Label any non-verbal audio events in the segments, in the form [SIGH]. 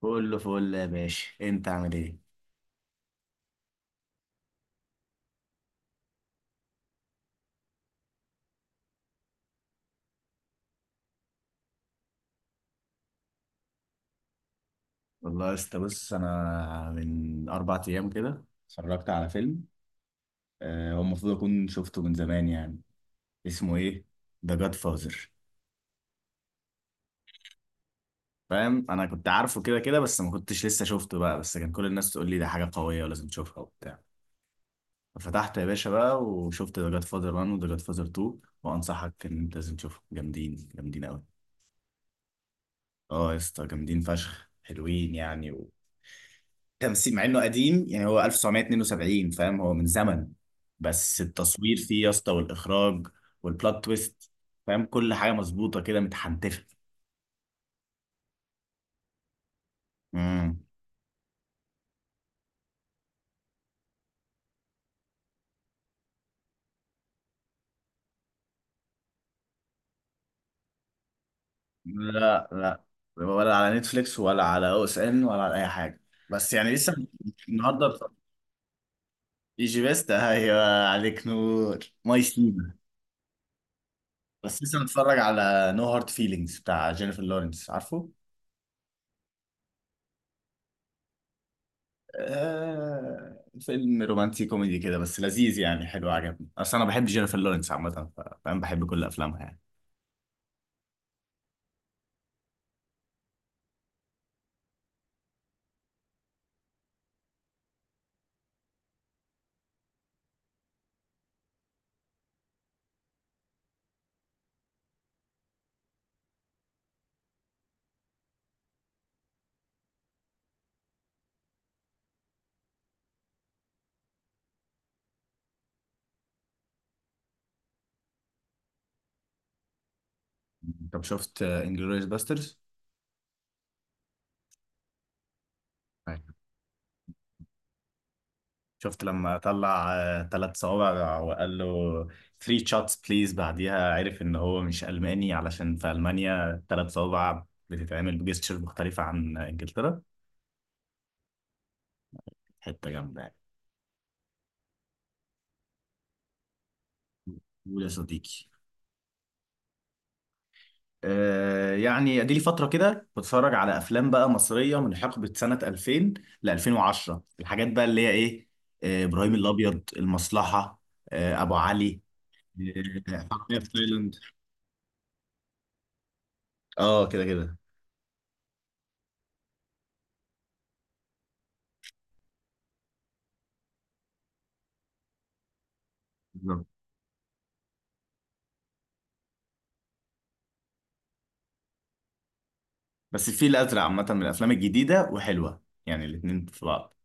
كله فل يا باشا، انت عامل ايه؟ والله يا اسطى بص، انا من اربع ايام كده اتفرجت على فيلم. هو المفروض اكون شفته من زمان يعني. اسمه ايه؟ ذا جاد فازر. فاهم انا كنت عارفه كده كده، بس ما كنتش لسه شفته بقى، بس كان كل الناس تقول لي ده حاجه قويه ولازم تشوفها وبتاع. ففتحت يا باشا بقى وشفت ذا جاد فازر 1 وذا جاد فازر 2، وانصحك ان انت لازم تشوفهم، جامدين جامدين قوي. اه يا اسطى، جامدين فشخ، حلوين يعني. تمثيل، مع انه قديم يعني، هو 1972، فاهم، هو من زمن. بس التصوير فيه يا اسطى، والاخراج، والبلوت تويست. فاهم كل حاجه مظبوطه كده، متحنتفه. امم لا لا. ولا على نتفليكس ولا على او اس ان ولا على اي حاجه، بس يعني لسه النهارده. ايجي بيست [LAUGHS] ايوه عليك نور. ماي سيما. بس لسه متفرج على نو هارت فيلينجز بتاع جينيفر لورنس، عارفه؟ آه، فيلم رومانسي كوميدي كده بس لذيذ يعني، حلو عجبني، اصل انا بحب جينيفر لورنس عامه. فاهم بحب كل افلامها يعني. طب شفت انجلوريوس باسترز؟ شفت لما طلع ثلاث صوابع وقال له 3 شوتس بليز، بعديها عرف ان هو مش الماني علشان في المانيا ثلاث صوابع بتتعمل بجستشر مختلفه عن انجلترا. حته جامده يعني. قول يا صديقي. يعني ادي لي فتره كده بتفرج على افلام بقى مصريه من حقبه سنه 2000 ل 2010. الحاجات بقى اللي هي ايه، ابراهيم الابيض، المصلحه، ابو علي، حرامية في تايلاند. اه كده كده. بالظبط. بس الفيل الازرق عامه من الافلام الجديده وحلوه، يعني الاثنين في بعض.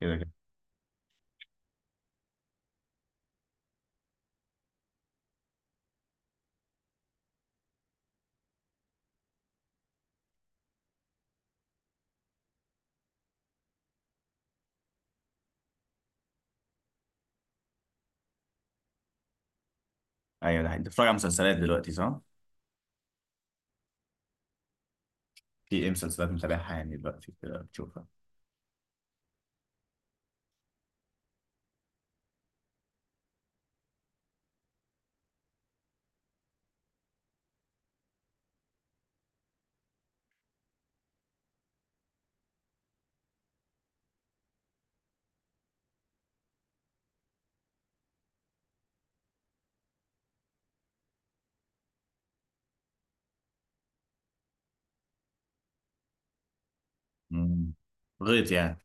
كده كده. ايوه ده حقيقي. انت بتتفرج على مسلسلات دلوقتي صح؟ في ايه مسلسلات متابعها يعني دلوقتي كده بتشوفها؟ مم. غيط يعني.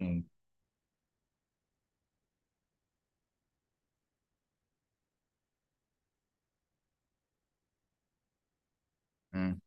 مم. مم.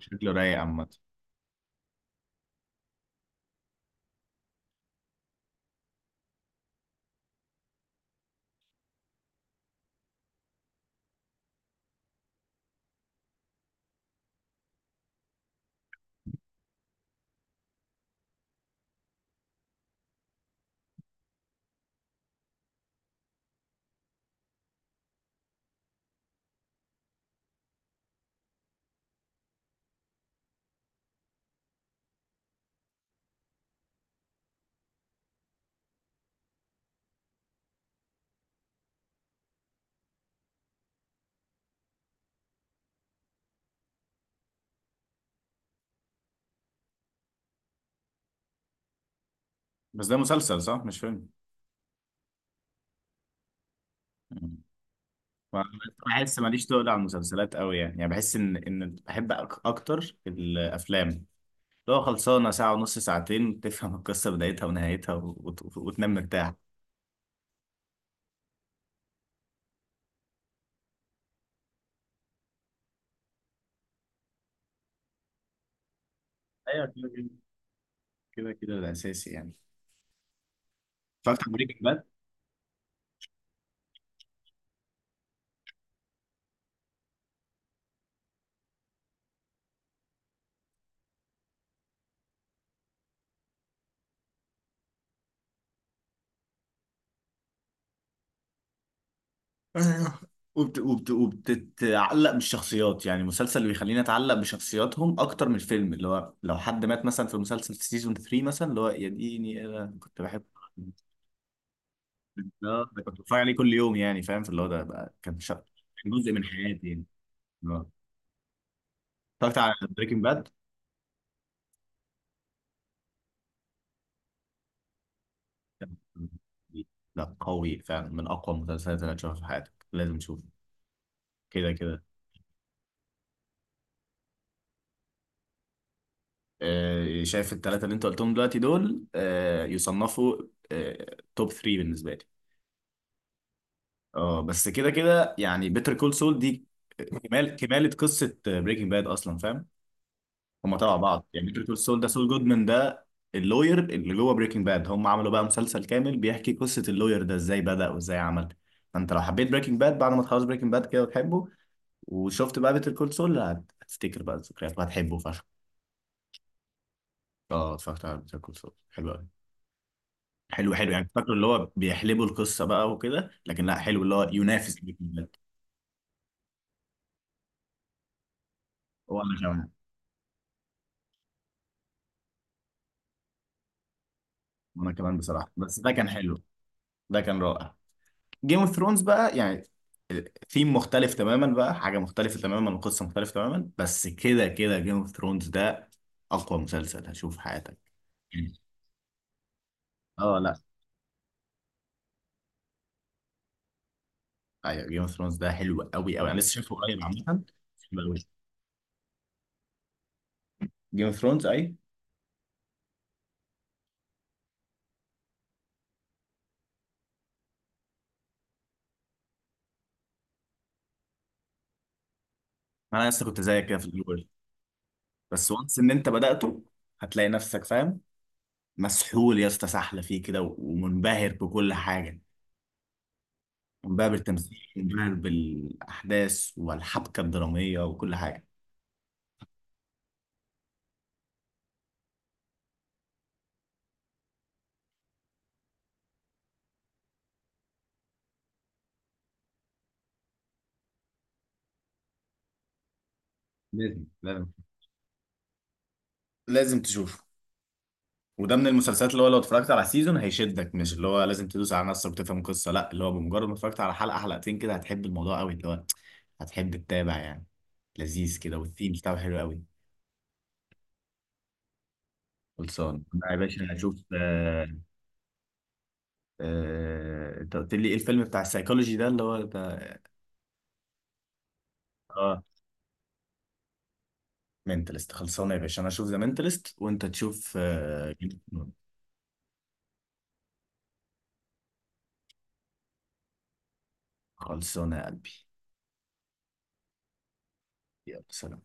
شكله رايق عامه. بس ده مسلسل صح مش فيلم؟ مم. بحس ماليش تقل على المسلسلات قوي يعني، يعني بحس ان ان بحب اكتر الافلام، لو خلصانه ساعه ونص ساعتين تفهم القصه بدايتها ونهايتها وت... وتنام مرتاح. ايوه كده كده. كده كده الاساسي يعني. اتفرجت على بريكنج باد. [LAUGHS] وبتتعلق بالشخصيات، يعني المسلسل اللي بيخليني اتعلق بشخصياتهم اكتر من الفيلم، اللي هو لو حد مات مثلا في مسلسل في سيزون 3 مثلا، اللي هو يا ديني انا كنت بحبه. لا ده كنت بتفرج عليه كل يوم يعني، فاهم، في اللي هو ده بقى كان كان جزء من حياتي يعني. آه. اتفرجت على بريكنج باد. لا قوي فعلا، من اقوى المسلسلات اللي هتشوفها في حياتك، لازم تشوفه. كده كده. آه شايف الثلاثه اللي انت قلتهم دلوقتي دول آه يصنفوا آه توب 3 بالنسبه لي. اه بس كده كده يعني، بيتر كول سول دي كمال، كماله قصه بريكنج باد اصلا، فاهم هم تبع بعض يعني. بيتر سول ده، سول جودمان ده، اللوير اللي جوه بريكنج باد. هم عملوا بقى مسلسل كامل بيحكي قصة اللوير ده ازاي بدأ وازاي عمل. فانت لو حبيت بريكنج باد، بعد ما تخلص بريكنج باد كده وتحبه وشفت بقى بيتر كول سول، هتفتكر بقى الذكريات وهتحبه فشخ. اه اتفرجت على بيتر كول سول، حلو قوي. حلو حلو يعني، فاكره اللي هو بيحلبوا القصة بقى وكده، لكن لا، حلو اللي هو ينافس بريكنج باد. وانا كمان، وانا كمان بصراحة، بس ده كان حلو. ده كان رائع. جيم اوف ثرونز بقى يعني، ثيم مختلف تماما بقى، حاجة مختلفة تماما وقصة مختلفة تماما، بس كده كده، جيم اوف ثرونز ده أقوى مسلسل هتشوفه في حياتك. اه لا، ايوه جيم اوف ثرونز ده حلو قوي قوي. انا لسه شايفه قريب عامة. حلو قوي، جيم اوف ثرونز اي. انا لسه كنت زيك كده في الاول، بس وانس ان انت بدأته هتلاقي نفسك فاهم، مسحول يا اسطى سحلة فيه كده، ومنبهر بكل حاجة، منبهر بالتمثيل، منبهر بالأحداث والحبكة الدرامية وكل حاجة. لازم لازم لازم تشوفه. وده من المسلسلات اللي هو لو اتفرجت على سيزون هيشدك، مش اللي هو لازم تدوس على نص وتفهم القصه، لا اللي هو بمجرد ما اتفرجت على حلقه حلقتين كده هتحب الموضوع قوي، اللي هو هتحب تتابع يعني. لذيذ كده، والثيم بتاعه حلو قوي. خلصان أنا يا باشا، هشوف انت قلت لي ايه الفيلم بتاع السايكولوجي ده اللي هو ده؟ اه منتلست. خلصانه يا باشا، انا اشوف ذا منتلست وانت تشوف خلصانه يا قلبي. يلا سلام.